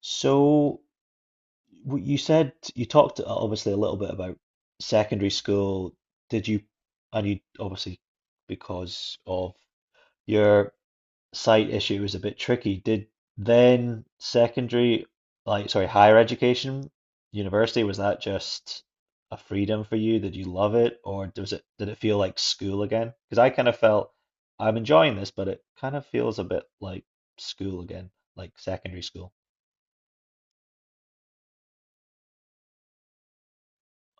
So you said you talked obviously a little bit about secondary school. Did you, and you obviously because of your sight issue was a bit tricky. Did then secondary, like sorry, higher education, university, was that just a freedom for you? Did you love it, or was it did it feel like school again? Because I kind of felt I'm enjoying this, but it kind of feels a bit like school again, like secondary school.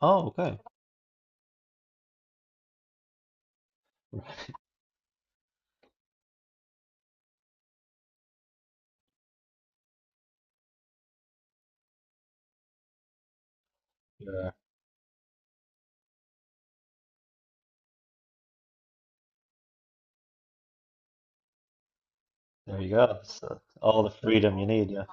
Oh, okay. Yeah, there you go. So all the freedom you need, yeah.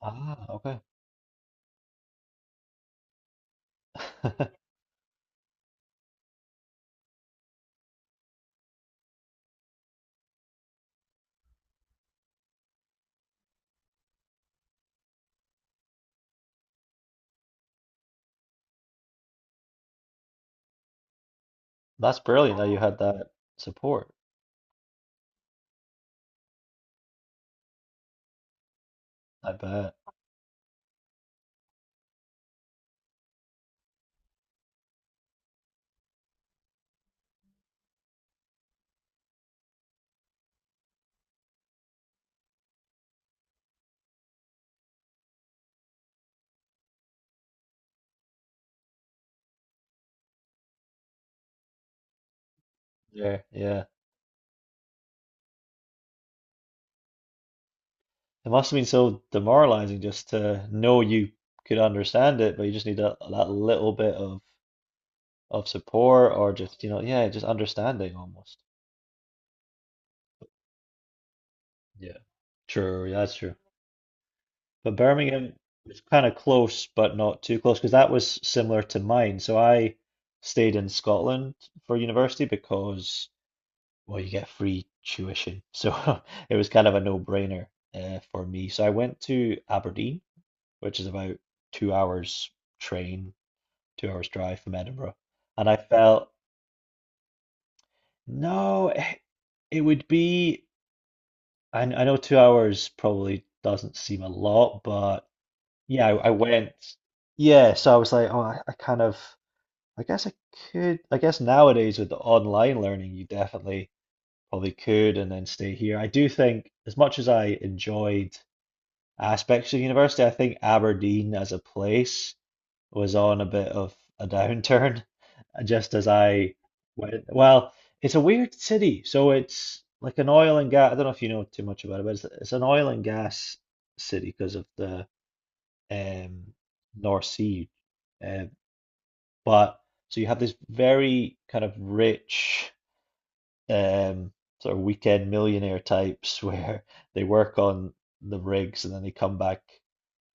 Ah, okay. That's brilliant that you had that support. I bet. Yeah, yeah. It must have been so demoralizing just to know you could understand it, but you just need that little bit of support or just, yeah, just understanding almost. Yeah. True, yeah, that's true. But Birmingham was kind of close, but not too close, because that was similar to mine. So I stayed in Scotland for university because well, you get free tuition. So it was kind of a no-brainer for me. So I went to Aberdeen, which is about 2 hours train, 2 hours drive from Edinburgh. And I felt, no, it would be, I know 2 hours probably doesn't seem a lot, but yeah, I went, yeah, so I was like, oh, I kind of, I guess I could, I guess nowadays with the online learning, you definitely probably could and then stay here. I do think, as much as I enjoyed aspects of university, I think Aberdeen as a place was on a bit of a downturn just as I went. Well, it's a weird city. So it's like an oil and gas. I don't know if you know too much about it, but it's an oil and gas city because of the um, North Sea. Uh, but so you have this very kind of rich um, sort of weekend millionaire types where they work on the rigs and then they come back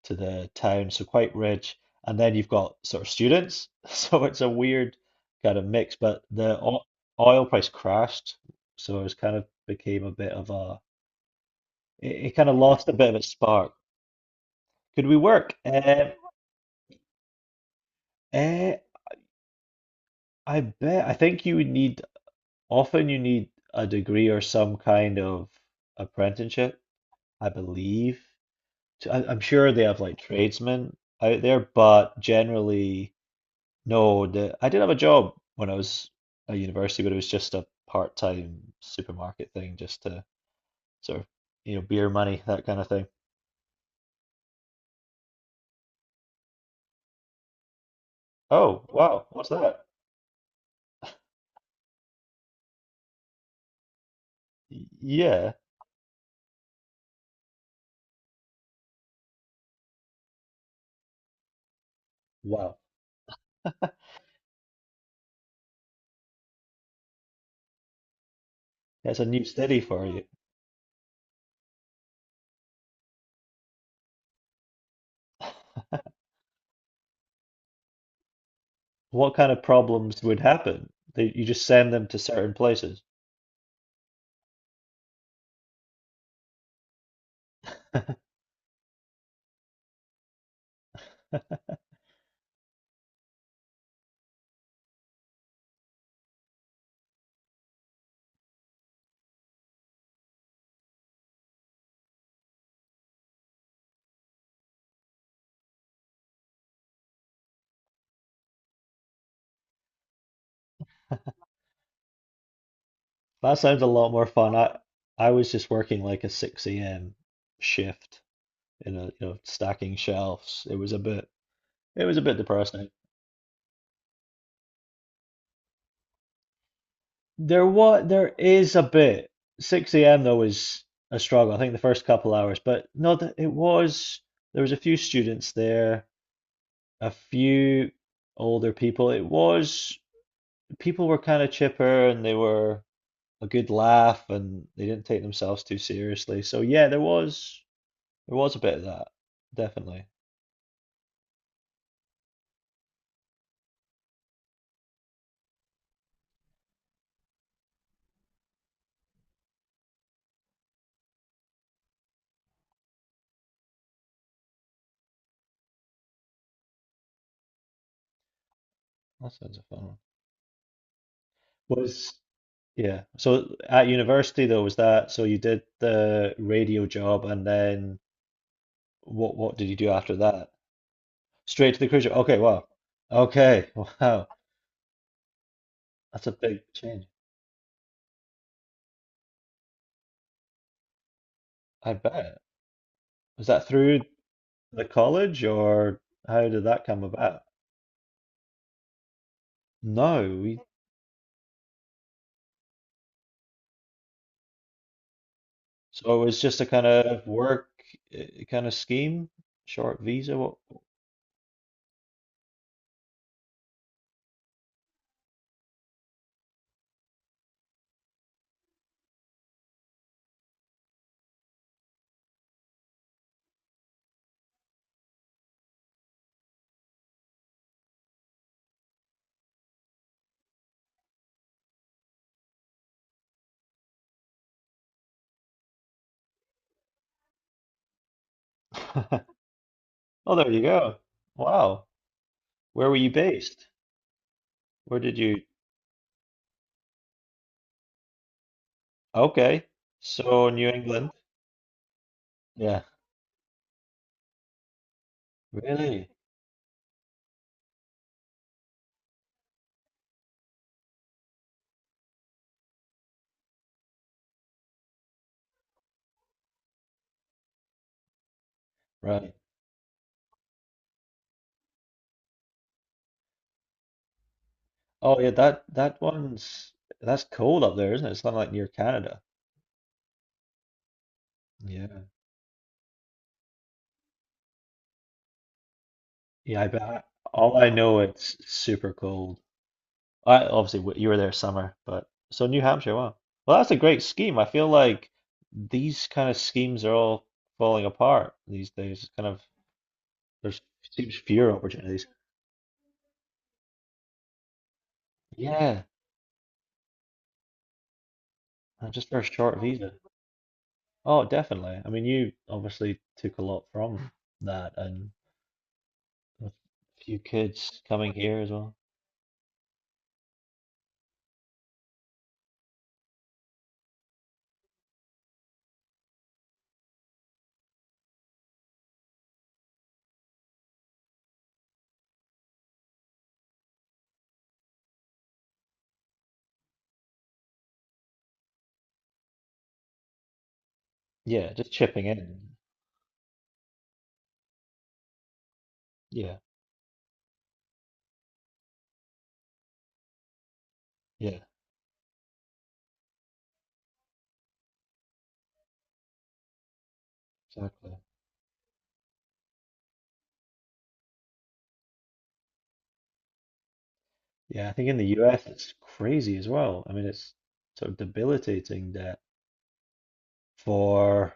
to the town, so quite rich. And then you've got sort of students, so it's a weird kind of mix. But oil price crashed, so it's kind of became a bit of a it kind of lost a bit of its spark. Could we work? Eh, I bet. I think you would need often you need a degree or some kind of apprenticeship, I believe. So I'm sure they have like tradesmen out there, but generally, no. The I did have a job when I was at university, but it was just a part-time supermarket thing, just to sort of, you know, beer money, that kind of thing. Oh, wow, what's that? Yeah, wow, that's a new study for you. What kind of problems would happen? They, you just send them to certain places. That sounds a lot more fun. I was just working like a 6 a.m. shift in a, you know, stacking shelves. It was a bit, it was a bit depressing. There what there is a bit. 6 a.m. though was a struggle. I think the first couple hours, but no, it was. There was a few students there, a few older people. It was people were kind of chipper and they were a good laugh and they didn't take themselves too seriously. So yeah, there was a bit of that, definitely. That sounds a fun one. Was yeah. So at university though, was that so you did the radio job and then what did you do after that? Straight to the cruise ship. Okay, wow. Okay, wow. That's a big change. I bet. Was that through the college or how did that come about? No, we so it was just a kind of work uh, kind of scheme, short visa. What? Oh, there you go. Wow. Where were you based? Where did you? Okay. So New England. Yeah. Really? Right. Oh yeah, that that one's that's cold up there, isn't it? It's not like near Canada. Yeah. Yeah, I bet. All I know it's super cold. I obviously you were there summer, but so New Hampshire, wow. Well, that's a great scheme. I feel like these kind of schemes are all falling apart these days. It's kind of there's seems fewer opportunities. Yeah, and just for a short visa. Oh, definitely. I mean, you obviously took a lot from that, and a few kids coming here as well. Yeah, just chipping in. Yeah, yeah, exactly. Yeah, I think in the US it's crazy as well. I mean, it's sort of debilitating that for,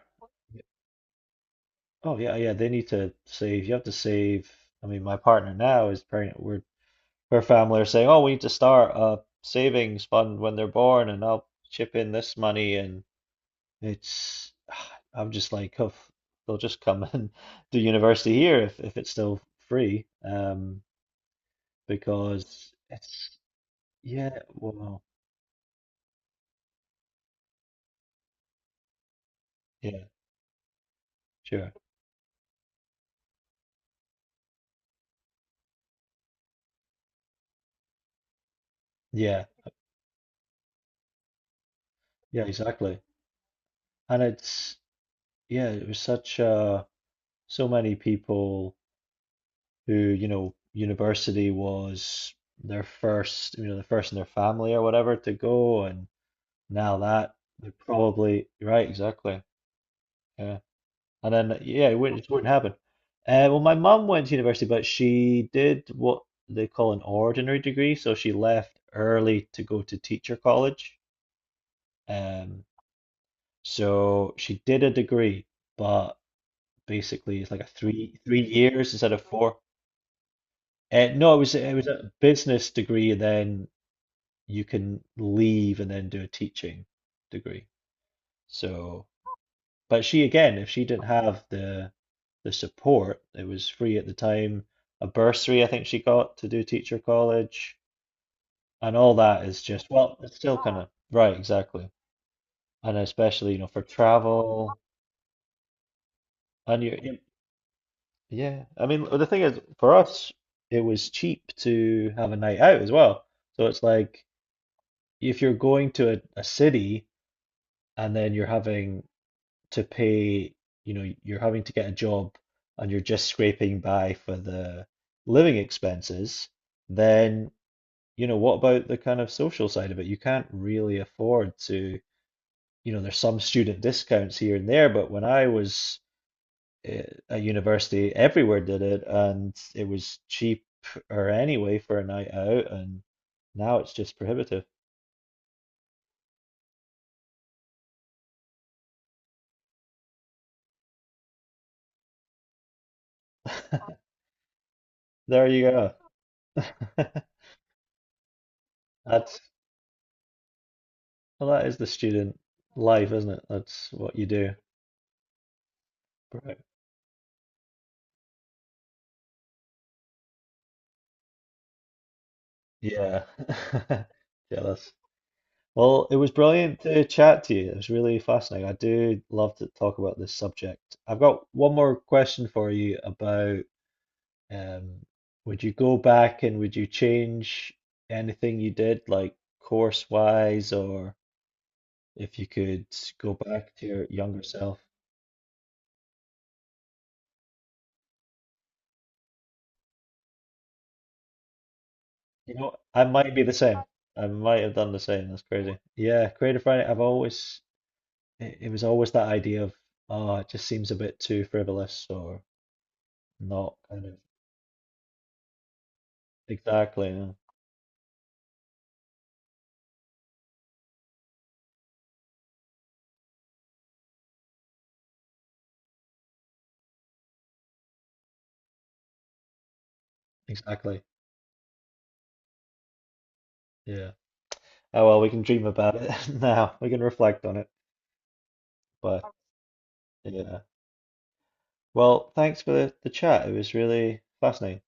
oh yeah, yeah, they need to save. You have to save. I mean, my partner now is pregnant. We're her family are saying, oh, we need to start a savings fund when they're born, and I'll chip in this money and it's I'm just like, oh, they'll just come and do university here if it's still free. Because it's yeah, well, yeah, sure. Yeah, yeah, exactly. And it's yeah, it was such so many people who, you know, university was their first, you know, the first in their family or whatever to go and now that they're probably right, exactly. Yeah. And then, yeah, it wouldn't happen. Well, my mum went to university, but she did what they call an ordinary degree. So she left early to go to teacher college. Um, so she did a degree, but basically it's like a three years instead of four. No, it was a business degree, and then you can leave and then do a teaching degree. So but she again, if she didn't have the support, it was free at the time, a bursary I think she got to do teacher college, and all that is just well, it's still kind of right, exactly, and especially you know for travel and you, yeah, I mean the thing is for us it was cheap to have a night out as well, so it's like if you're going to a city and then you're having to pay, you know, you're having to get a job and you're just scraping by for the living expenses, then, you know, what about the kind of social side of it? You can't really afford to, you know, there's some student discounts here and there, but when I was eh, at university, everywhere did it and it was cheap or anyway for a night out, and now it's just prohibitive. There you go. That's well, that is the student life, isn't it? That's what you do. Right. Yeah. Jealous. Well, it was brilliant to chat to you. It was really fascinating. I do love to talk about this subject. I've got one more question for you about um, would you go back and would you change anything you did, like course-wise, or if you could go back to your younger self? You know, I might be the same. I might have done the same. That's crazy. Yeah, Creative Friday. I've always it, it was always that idea of, oh, it just seems a bit too frivolous or not kind of exactly, yeah, exactly, yeah. Oh well, we can dream about it now. We can reflect on it, but yeah. Well, thanks for the chat. It was really fascinating.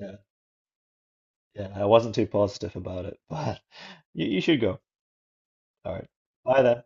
Yeah, yeah. I wasn't too positive about it, but you should go. All right. Bye then.